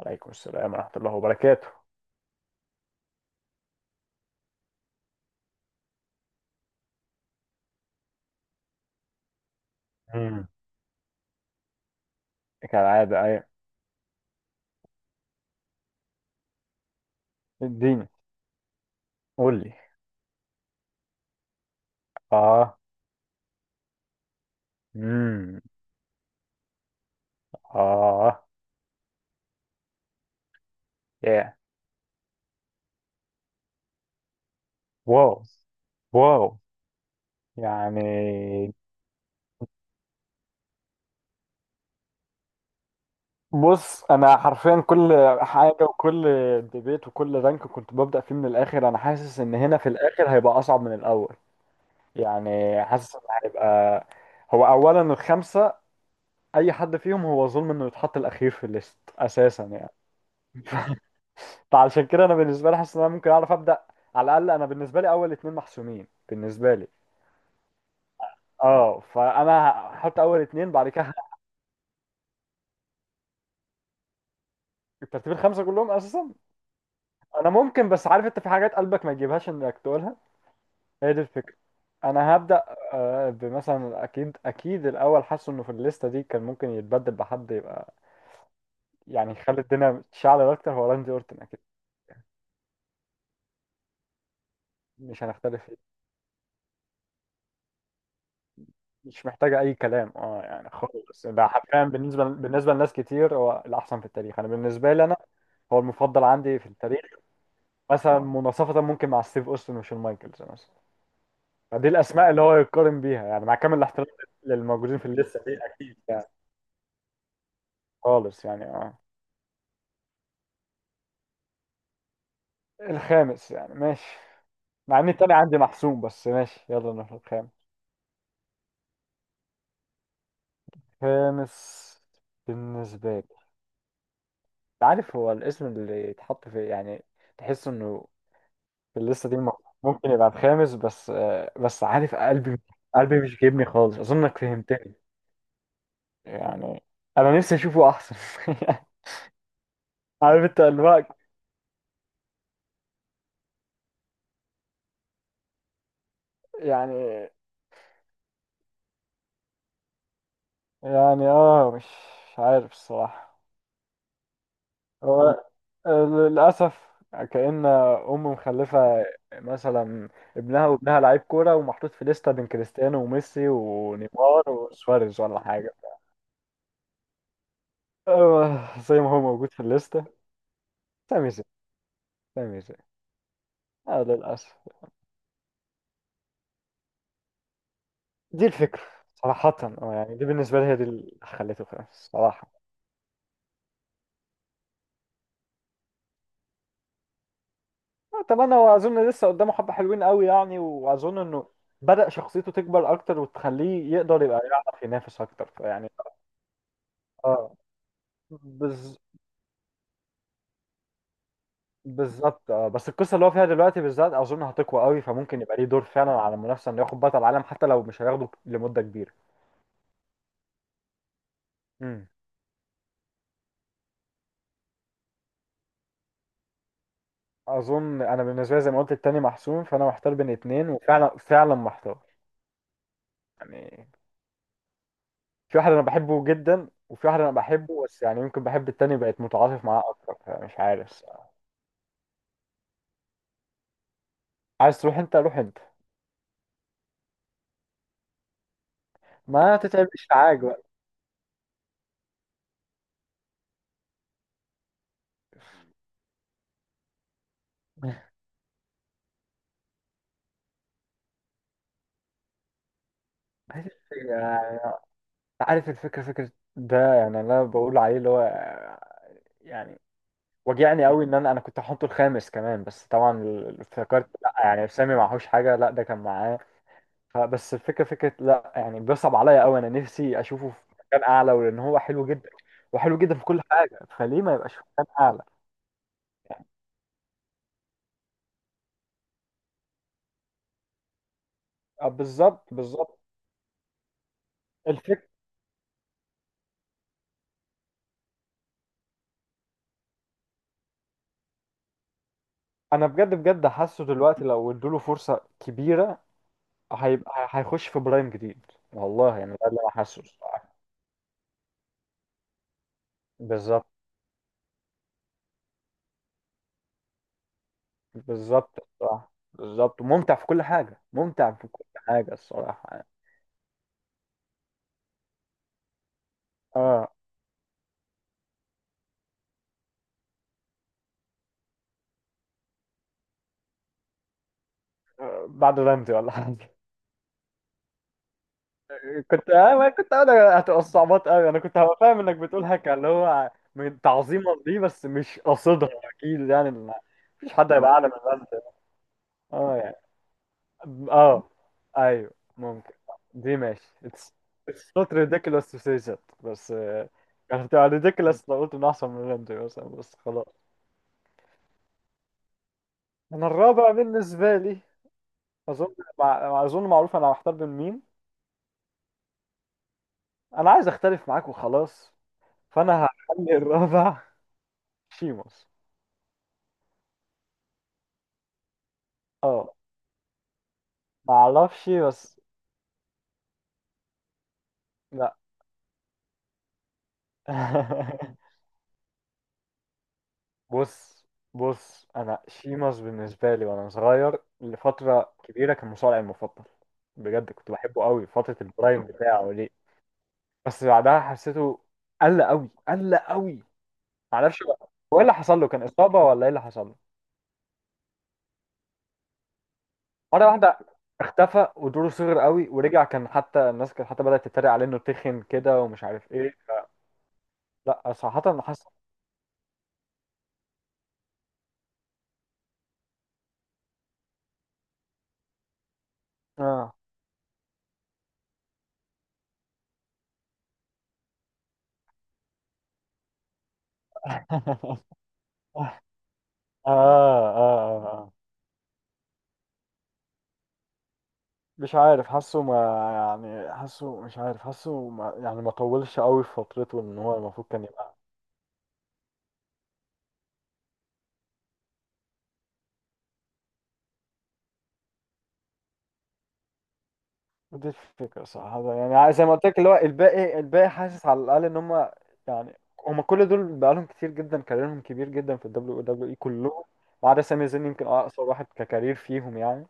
عليكم السلام ورحمة الله وبركاته. مم. كالعادة أي. اديني. قول لي. آه. مم. آه. يا. واو، واو، يعني. بص، أنا حرفيا كل حاجة وكل ديبيت وكل رانك كنت ببدأ فيه من الآخر، أنا حاسس إن هنا في الآخر هيبقى أصعب من الأول. يعني حاسس إن هيبقى، هو أولا الخمسة، أي حد فيهم هو ظلم إنه يتحط الأخير في الليست أساسا يعني. فعشان كده انا بالنسبه لي حاسس ان انا ممكن اعرف ابدا، على الاقل انا بالنسبه لي اول اتنين محسومين بالنسبه لي. اه، فانا هحط اول اتنين بعد كده. الترتيب الخمسه كلهم اساسا، انا ممكن بس عارف انت في حاجات قلبك ما يجيبهاش انك تقولها. هي دي الفكره. انا هبدا. آه، بمثلا اكيد اكيد الاول حاسس انه في الليسته دي كان ممكن يتبدل بحد يبقى يعني يخلي الدنيا تشعل اكتر هو راندي اورتن اكيد. مش هنختلف فيه. مش محتاجه اي كلام اه يعني خالص، ده حرفيا بالنسبه لناس كتير هو الاحسن في التاريخ، انا بالنسبه لي انا هو المفضل عندي في التاريخ. مثلا مناصفة ممكن مع ستيف أوستن وشون مايكلز مثلا. فدي الأسماء اللي هو يقارن بيها يعني، مع كامل الاحترام للموجودين في الليستة دي أكيد يعني، خالص يعني اه. الخامس يعني ماشي، مع إن التاني عندي محسوم بس ماشي يلا نروح الخامس. خامس بالنسبة لي، عارف هو الاسم اللي يتحط في إيه؟ يعني تحس إنه في الليستة دي ممكن يبقى الخامس، بس آه، بس عارف قلبي، قلبي مش جايبني خالص، أظنك فهمتني. يعني انا نفسي اشوفه احسن. عارف انت الوقت. يعني يعني اه، مش عارف الصراحة. هو للأسف كأن أم مخلفة مثلا ابنها، وابنها لعيب كورة ومحطوط في لستة بين كريستيانو وميسي ونيمار وسواريز ولا حاجة. آه، زي ما هو موجود في الليستة. سامي زي سامي زي. آه للأسف. دي الفكرة صراحة آه، يعني دي بالنسبة لي هي دي اللي خليته خلاص صراحة. آه، طبعا هو اظن لسه قدامه حبه حلوين قوي يعني، واظن انه بدأ شخصيته تكبر اكتر وتخليه يقدر يبقى يعرف ينافس اكتر فيعني. اه، بز... بالظبط اه، بس القصه اللي هو فيها دلوقتي بالذات اظن هتقوى قوي، فممكن يبقى ليه دور فعلا على المنافسه انه ياخد بطل العالم حتى لو مش هياخده لمده كبيره. امم. اظن انا بالنسبه لي زي ما قلت التاني محسوم فانا محتار بين اتنين، وفعلا فعلا محتار يعني. في واحد انا بحبه جدا وفي واحد انا بحبه بس يعني يمكن بحب التاني بقيت متعاطف معاه اكتر، فمش عارف. عايز تروح انت روح انت. ما تتعبش عاج بقى. عايز الفكرة- عارف الفكرة، فكرة ده يعني انا بقول عليه اللي هو يعني وجعني قوي ان انا كنت هحطه الخامس كمان، بس طبعا افتكرت لا يعني سامي معهوش حاجة لا ده كان معاه. فبس الفكرة فكرة لا يعني بيصعب عليا قوي، انا نفسي اشوفه في مكان اعلى ولان هو حلو جدا وحلو جدا في كل حاجة فليه ما يبقاش في مكان اعلى. اه بالظبط بالظبط. الفكرة انا بجد بجد حاسه دلوقتي لو ادوله فرصة كبيرة هيبقى هيخش في برايم جديد. والله يعني ده اللي انا حاسه الصراحة. بالظبط بالظبط الصراحة بالظبط، ممتع في كل حاجة ممتع في كل حاجة الصراحة يعني. اه بعد رمزي ولا حاجة. كنت ما كنت انا هتبقى الصعوبات قوي، انا كنت هبقى فاهم انك بتقول هكا اللي هو من تعظيما دي بس مش قصدها. اكيد يعني. مفيش حد هيبقى اعلى من رمزي. اه يعني اه ايوه ممكن، دي ماشي not ridiculous to say that. بس آه، كانت هتبقى ridiculous لو قلت ان احسن من رمزي مثلا بس خلاص. انا الرابع بالنسبه لي اظن معروف انا محتار بين مين. انا عايز اختلف معاك وخلاص. فانا هخلي الرابع شيموس. اه ما اعرفش بس. لا. بص بص انا شيماس بالنسبه لي وانا صغير لفتره كبيره كان مصارعي المفضل. بجد كنت بحبه قوي فتره البرايم بتاعه دي، بس بعدها حسيته قل قوي قل قوي. معرفش بقى هو ايه اللي حصل له، كان اصابه ولا ايه اللي حصل له؟ مره واحده اختفى ودوره صغر قوي، ورجع كان حتى الناس كانت حتى بدات تتريق عليه انه تخن كده ومش عارف ايه. لا صراحه حاسس. اه. اه اه اه. مش عارف حاسه ما يعني، حاسه مش عارف، حاسه ما يعني ما طولش قوي في فترته ان هو المفروض كان يبقى. دي الفكرة صراحة يعني زي ما قلت لك اللي هو الباقي حاسس على الأقل ان هم يعني، هم كل دول بقالهم كتير جدا كاريرهم كبير جدا في الدبليو دبليو اي كلهم ما عدا سامي زين يمكن اقصر واحد ككارير فيهم يعني.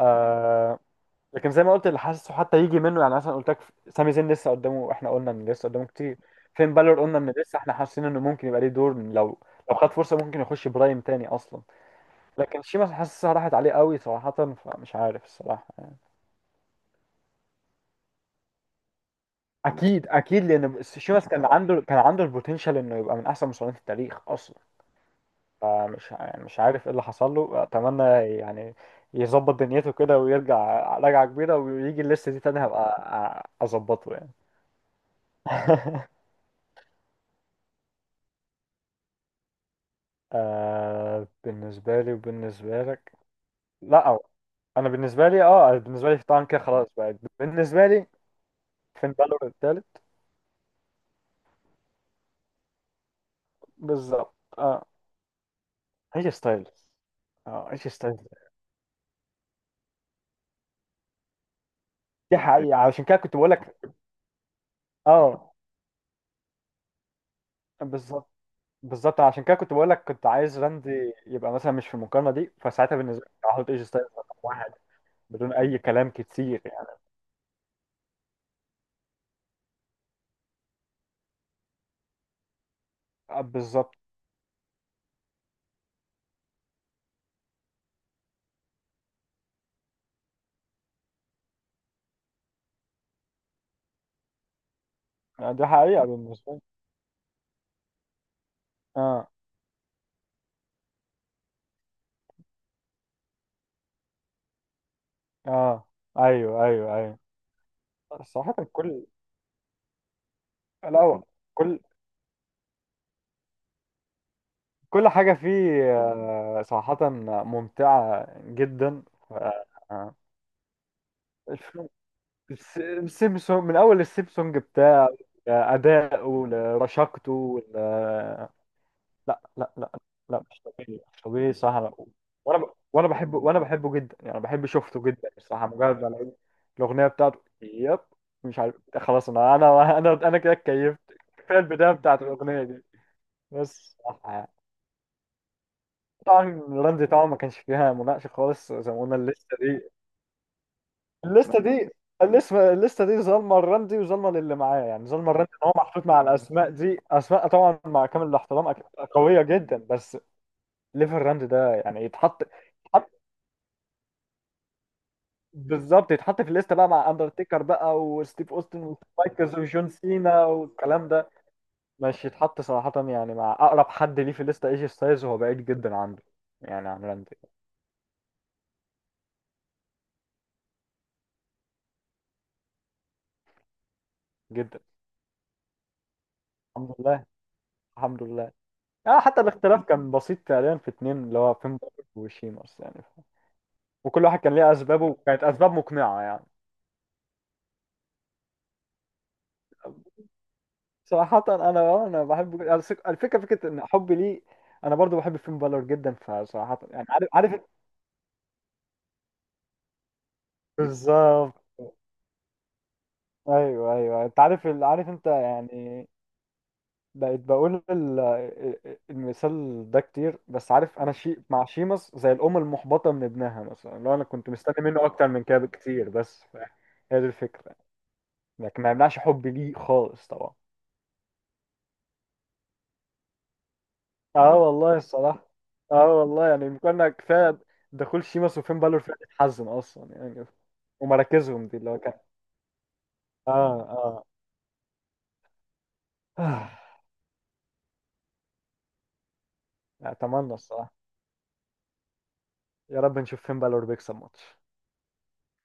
آه، لكن زي ما قلت اللي حاسه حتى يجي منه يعني، مثلا قلت لك سامي زين لسه قدامه، احنا قلنا ان لسه قدامه كتير. فين بالور قلنا ان لسه احنا حاسين انه ممكن يبقى ليه دور لو خد فرصه ممكن يخش برايم تاني اصلا. لكن شيماس حاسسها راحت عليه قوي صراحه، فمش عارف الصراحه. اكيد اكيد لان شيماس كان عنده البوتنشال انه يبقى من احسن مصارعين في التاريخ اصلا. فمش يعني مش عارف ايه اللي حصل له، اتمنى يعني يظبط دنيته كده ويرجع رجعه كبيره ويجي الليسته دي تاني هبقى اظبطه يعني. آه بالنسبة لي وبالنسبة لك. لا أو. أنا بالنسبة لي اه بالنسبة لي طبعا كده خلاص بقى بالنسبة لي فين بالور التالت. بالظبط اه. هي ستايلز. اه ايش ستايلز. دي حقيقة عشان كده كنت بقول لك. اه بالظبط بالظبط عشان كده كنت بقول لك كنت عايز راندي يبقى مثلا مش في المقارنة دي، فساعتها بالنسبة لي هحط ايش ستايلز رقم واحد. بدون أي كلام كتير يعني. آه بالظبط آه، دي حقيقة بالنسبة لي. اه اه ايوه ايوه ايوه. صراحة الأول كل كل حاجة فيه آه، صراحة ممتعة جدا. ف- آه، الفيلم- السيمسونج من أول السيمسونج بتاعه، أداؤه لرشاقته لا لا لا، لا مش طبيعي مش طبيعي صراحة. وأنا بحبه جدا يعني بحب شفته جدا الصراحة، مجرد ما لقيت الأغنية بتاعته مش عارف خلاص، أنا كده اتكيفت. كفاية البداية بتاعت الأغنية دي بس. طبعا رمزي طبعا ما كانش فيها مناقشة خالص زي ما قلنا الليستة دي. الليستة ما- دي الليستة دي ظالمة الرمزي وظالمة للي معاه يعني، ظالمة الرمزي ان هو محطوط مع الاسماء دي، اسماء طبعا مع كامل الاحترام اكيد قوية جدا، بس ليفل الرمزي ده يعني يتحط بالظبط، يتحط في الليستة بقى مع اندرتيكر بقى وستيف اوستن ومايكلز وجون سينا والكلام ده. مش يتحط صراحة يعني مع اقرب حد ليه في الليستة ايجي ستايلز وهو بعيد جدا عنده، يعني عن رمزي جدا. الحمد لله. الحمد لله. اه حتى الاختلاف كان بسيط فعليا في اتنين اللي هو فين، وشيما اصلا يعني، وكل واحد كان ليه اسبابه وكانت اسباب مقنعه يعني. صراحة أنا بحب الفكرة، فكرة إن حبي ليه، أنا برضو بحب فين بالور جدا، فصراحة يعني عارف عارف. بالظبط أيوه أيوه، أنت عارف عارف أنت يعني، بقيت بقول المثال ده كتير، بس عارف أنا مع شيمس زي الأم المحبطة من ابنها مثلا، لو أنا كنت مستني منه أكتر من كده بكتير بس هي دي الفكرة، لكن ما يمنعش حبي ليه خالص طبعا. اه اه والله الصراحة. اه والله يعني كنا كفاية، دخول شيماس وفين بالور فيها تتحزن اصلا يعني ومراكزهم دي اللي هو كان. اه اه. آه، اتمنى الصراحة، يا رب نشوف فين بالور بيكسب ماتش.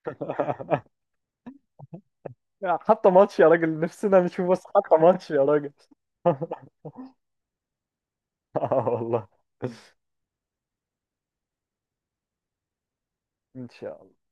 حتى ماتش يا راجل نفسنا نشوف، بس حتى ماتش يا راجل. اه والله ان شاء الله.